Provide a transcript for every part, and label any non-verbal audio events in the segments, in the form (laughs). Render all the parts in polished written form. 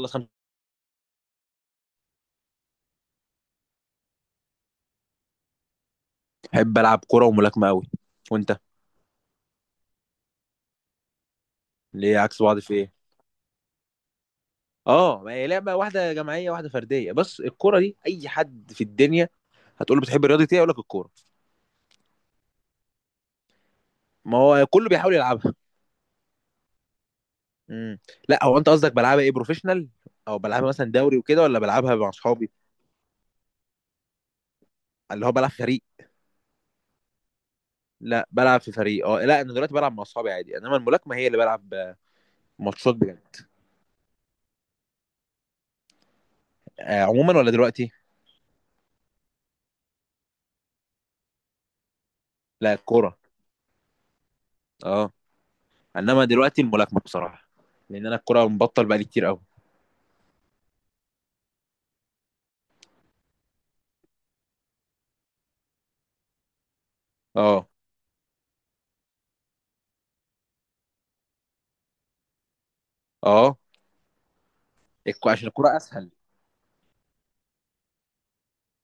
الله 5. بحب العب كوره وملاكمه قوي. وانت؟ ليه عكس بعض، في ايه؟ اه، ما هي لعبه واحده جماعيه واحده فرديه، بس الكوره دي اي حد في الدنيا هتقول له بتحب رياضه ايه يقول لك الكوره. ما هو كله بيحاول يلعبها. امم لا، هو انت قصدك بلعبها ايه، بروفيشنال او بلعبها مثلا دوري وكده، ولا بلعبها مع اصحابي؟ اللي هو بلعب في فريق؟ لا بلعب في فريق. اه، لا انا دلوقتي بلعب مع اصحابي عادي، انما الملاكمه هي اللي بلعب ماتشات بجد. عموما ولا دلوقتي؟ لا، الكوره. اه. انما دلوقتي الملاكمه بصراحه، لان انا الكوره مبطل بقالي كتير قوي. اه. اه. عشان الكرة اسهل.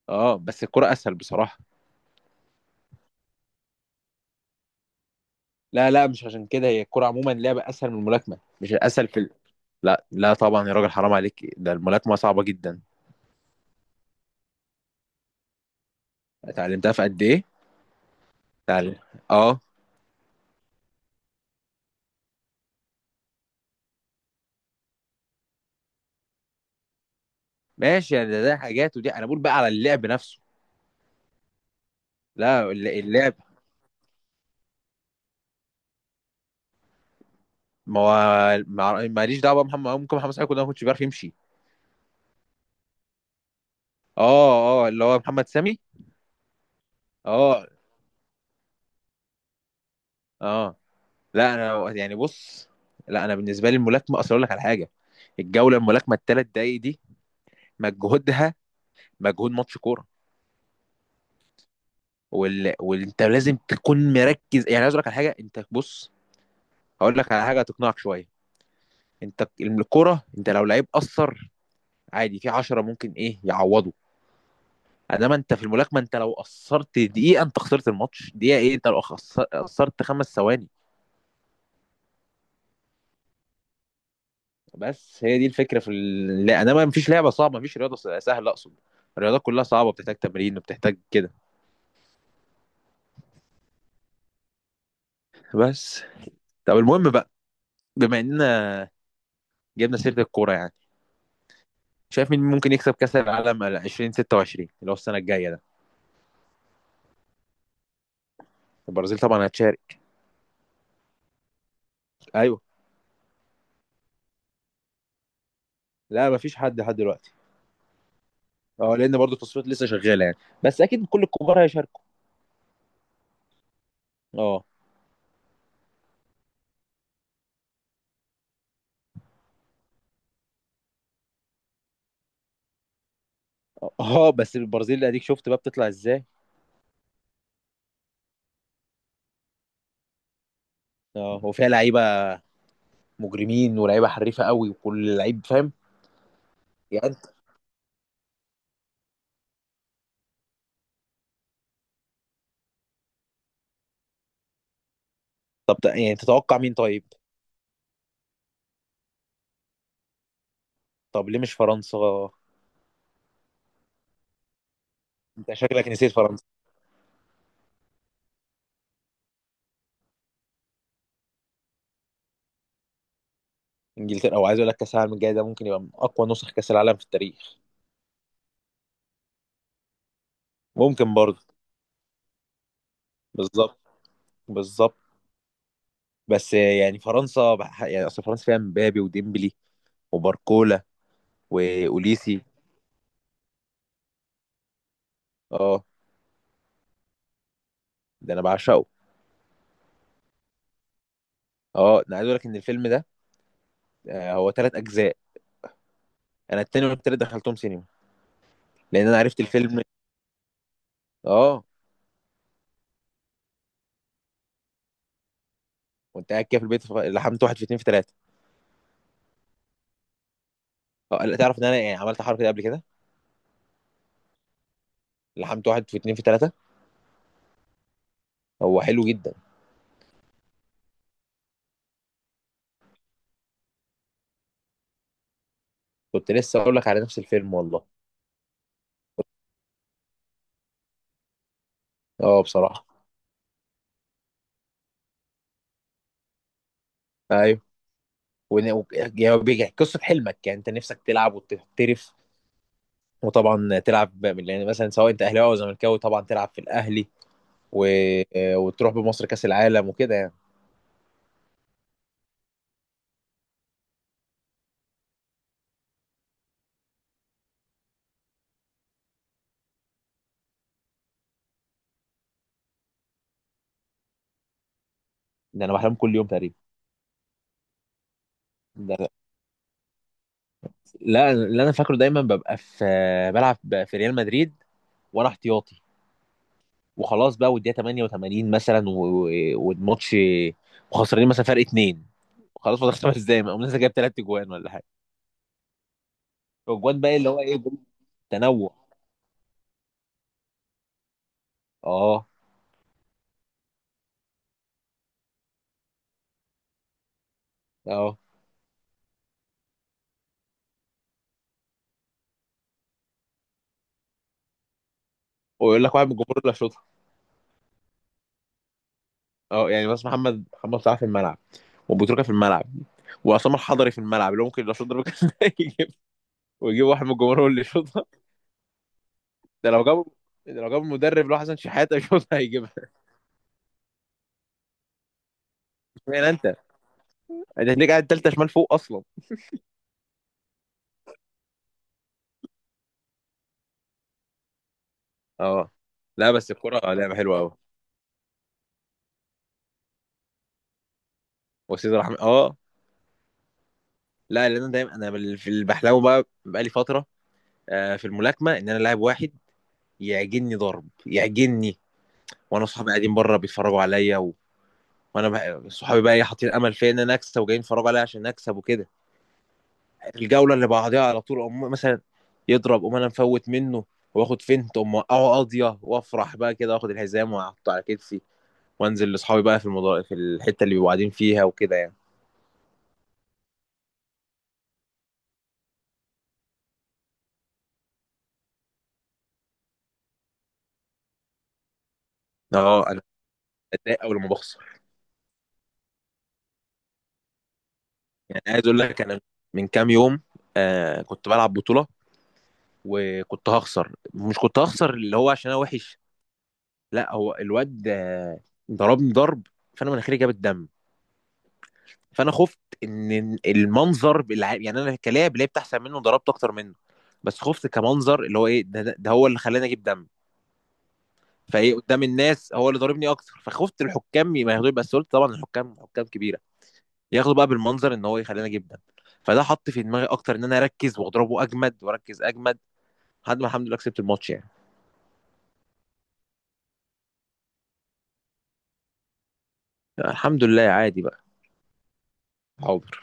اه بس الكرة اسهل بصراحة. لا لا، مش عشان كده، هي الكرة عموما لعبة اسهل من الملاكمة، مش الاسهل في لا لا طبعا يا راجل، حرام عليك، ده الملاكمة صعبة جدا. اتعلمتها في قد ايه؟ اتعلم. اه. ماشي يعني ده، حاجات، ودي انا بقول بقى على اللعب نفسه. لا اللعب. ما هو. ماليش دعوة بقى محمد، ممكن محمد صلاح يكون ده ما كنتش بيعرف يمشي. اه، اه، اللي هو محمد سامي. اه. اه، لا انا يعني بص. لا انا بالنسبة لي الملاكمة، اصل اقول لك على حاجة: الجولة الملاكمة الـ3 دقايق دي مجهودها مجهود ماتش كوره. وانت لازم تكون مركز. يعني عايز اقول لك على حاجه، انت بص، هقول لك على حاجه هتقنعك شويه. انت الكوره، انت لو لعيب قصر عادي، في 10 ممكن ايه يعوضوا. انما انت في الملاكمه، انت لو قصرت دقيقه انت خسرت الماتش، دقيقه ايه، انت لو قصرت 5 ثواني. بس هي دي الفكره في لا، انما مفيش لعبه صعبه، مفيش رياضه سهله اقصد. الرياضات كلها صعبه، بتحتاج تمرين وبتحتاج كده. بس. طب المهم بقى، بما اننا جبنا سيره الكوره يعني، شايف مين ممكن يكسب كاس العالم 2026 اللي هو السنه الجايه ده؟ البرازيل طبعا هتشارك. ايوه. لا مفيش حد لحد دلوقتي. اه، لان برضه التصفيات لسه شغاله يعني، بس اكيد كل الكبار هيشاركوا. اه. اه، بس البرازيل اديك شفت بقى بتطلع ازاي. اه، وفيها لعيبه مجرمين، ولاعيبه حريفه قوي، وكل لعيب فاهم. يعني أنت- طب يعني تتوقع مين طيب؟ طب ليه مش فرنسا؟ انت شكلك نسيت فرنسا. انجلترا، او عايز اقول لك كاس العالم الجاي ده ممكن يبقى من اقوى نسخ كاس العالم في التاريخ. ممكن برضه. بالظبط. بالظبط. بس يعني فرنسا يعني اصل فرنسا فيها مبابي وديمبلي وباركولا واوليسي. اه. ده انا بعشقه. اه انا عايز اقول لك ان الفيلم ده هو 3 اجزاء. انا التاني والتالت دخلتهم سينما، لان انا عرفت الفيلم. اه. وانت قاعد كده في البيت، لحمت واحد في اتنين في تلاته. اه لا، تعرف ان انا يعني عملت حركه دي قبل كده؟ لحمت واحد في اتنين في تلاته. هو حلو جدا. كنت لسه اقول لك على نفس الفيلم والله. اه بصراحه. ايوه. يعني هو بيحكي قصه حلمك، يعني انت نفسك تلعب وتحترف، وطبعا تلعب يعني مثلا سواء انت اهلاوي او زملكاوي طبعا تلعب في الاهلي و... وتروح بمصر كاس العالم وكده يعني. ده انا بحلم كل يوم تقريبا. ده لا، اللي انا فاكره دايما ببقى في، بلعب في ريال مدريد وانا احتياطي، وخلاص بقى والدقيقه 88 مثلا والماتش وخسرانين مثلا فرق اتنين. خلاص فاضل 5 دقايق، اقوم لسه جايب 3 اجوان ولا حاجه. الاجوان بقى اللي هو ايه. تنوع. اه. اه، ويقول لك واحد من الجمهور اللي شاطها. اه يعني بس محمد، محمد صلاح في الملعب، وبوتروكا في الملعب، وعصام الحضري في الملعب، اللي هو ممكن لو شاط ضربه جزاء (laughs) يجيب، ويجيب واحد من الجمهور هو اللي يشوطها. ده لو جابوا، ده لو جابوا المدرب اللي هو حسن شحاته يشوطها هيجيبها. اشمعنى انت؟ انت هتلاقيك قاعد تالتة شمال فوق اصلا. اه. لا بس الكرة لعبة حلوة قوي. وسيد رحمة، اه. لا لان انا دايما انا في اللي بحلمه بقى بقالي فترة في الملاكمة، ان انا لاعب واحد يعجني ضرب يعجني، وانا صحابي قاعدين بره بيتفرجوا عليا، وانا صحابي بقى ايه حاطين امل فيا ان انا اكسب، وجايين يتفرجوا عليا عشان اكسب وكده. الجوله اللي بعديها على طول أم مثلا يضرب أم انا مفوت منه، واخد فنت أم اوقعه قاضيه، وافرح بقى كده واخد الحزام واحطه على كتفي، وانزل لاصحابي بقى في في الحته اللي بيبقوا قاعدين فيها وكده يعني. اه انا بتضايق اول ما بخسر. يعني عايز اقول لك، انا من كام يوم كنت بلعب بطوله، وكنت هخسر، مش كنت هخسر اللي هو عشان انا وحش، لا هو الواد ضربني ضرب فانا مناخيري جابت دم، فانا خفت ان المنظر يعني انا كلاعب لعبت احسن منه وضربت اكتر منه، بس خفت كمنظر اللي هو ايه ده، ده هو اللي خلاني اجيب دم، فايه قدام الناس هو اللي ضاربني اكتر، فخفت الحكام ما ياخدوش، بس قلت طبعا الحكام حكام كبيره ياخدوا بقى بالمنظر ان هو يخليني اجيب دم. فده حط في دماغي اكتر ان انا اركز واضربه اجمد واركز اجمد لحد ما الحمد لله كسبت الماتش يعني. الحمد لله عادي بقى. حاضر.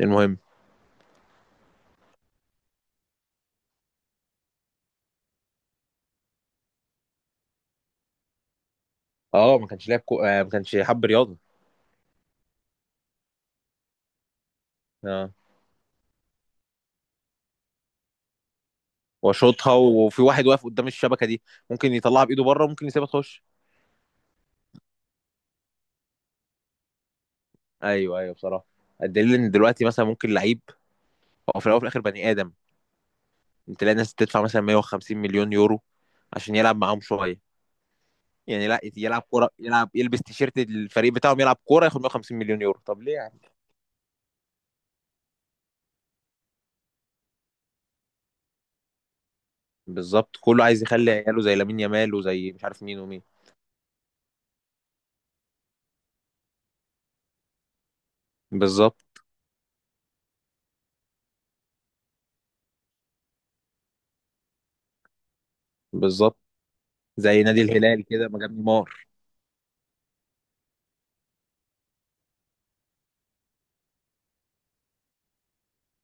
المهم. اه ما كانش لاعب كو... آه ما كانش حب رياضه. اه. واشوطها، وفي واحد واقف قدام الشبكه دي ممكن يطلعها بايده بره، ممكن يسيبها تخش. ايوه، ايوه بصراحه. الدليل ان دلوقتي مثلا ممكن لعيب، هو في الاول وفي الاخر بني ادم، تلاقي الناس تدفع مثلا 150 مليون يورو عشان يلعب معاهم شويه. يعني لا يلعب كوره، يلعب يلبس تيشيرت الفريق بتاعهم، يلعب كوره ياخد 150 مليون يورو، طب ليه يعني؟ بالظبط، كله عايز يخلي عياله زي لامين يامال وزي مش عارف مين ومين. بالظبط. بالظبط. زي نادي الهلال كده ما جاب نيمار.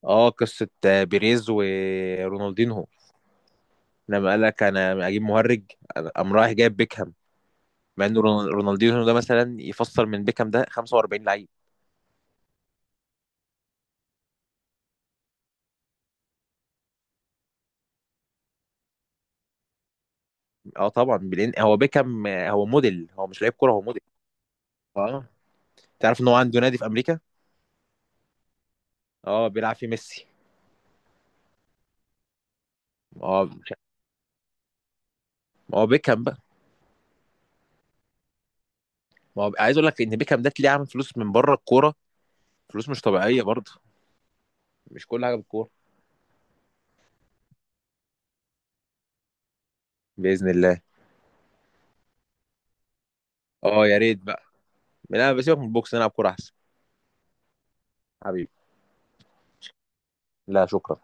اه قصه بيريز ورونالدينهو، لما قال لك انا اجيب مهرج، أنا- قام رايح جايب بيكهام. مع ان رونالدينho ده مثلا يفسر من بيكهام ده 45 لعيب. اه طبعا، بلين هو بيكهام هو موديل، هو مش لعيب كوره، هو موديل. اه. تعرف ان هو عنده نادي في امريكا؟ اه بيلعب فيه ميسي. اه. ما هو بيكهام بقى. ما هو عايز اقول لك ان بيكهام ده تلاقيه عامل فلوس من بره الكوره، فلوس مش طبيعيه برضه. مش كل حاجه بالكوره. باذن الله. اه يا ريت بقى. لا بسيبك من البوكس نلعب كوره احسن. حبيبي. لا شكرا.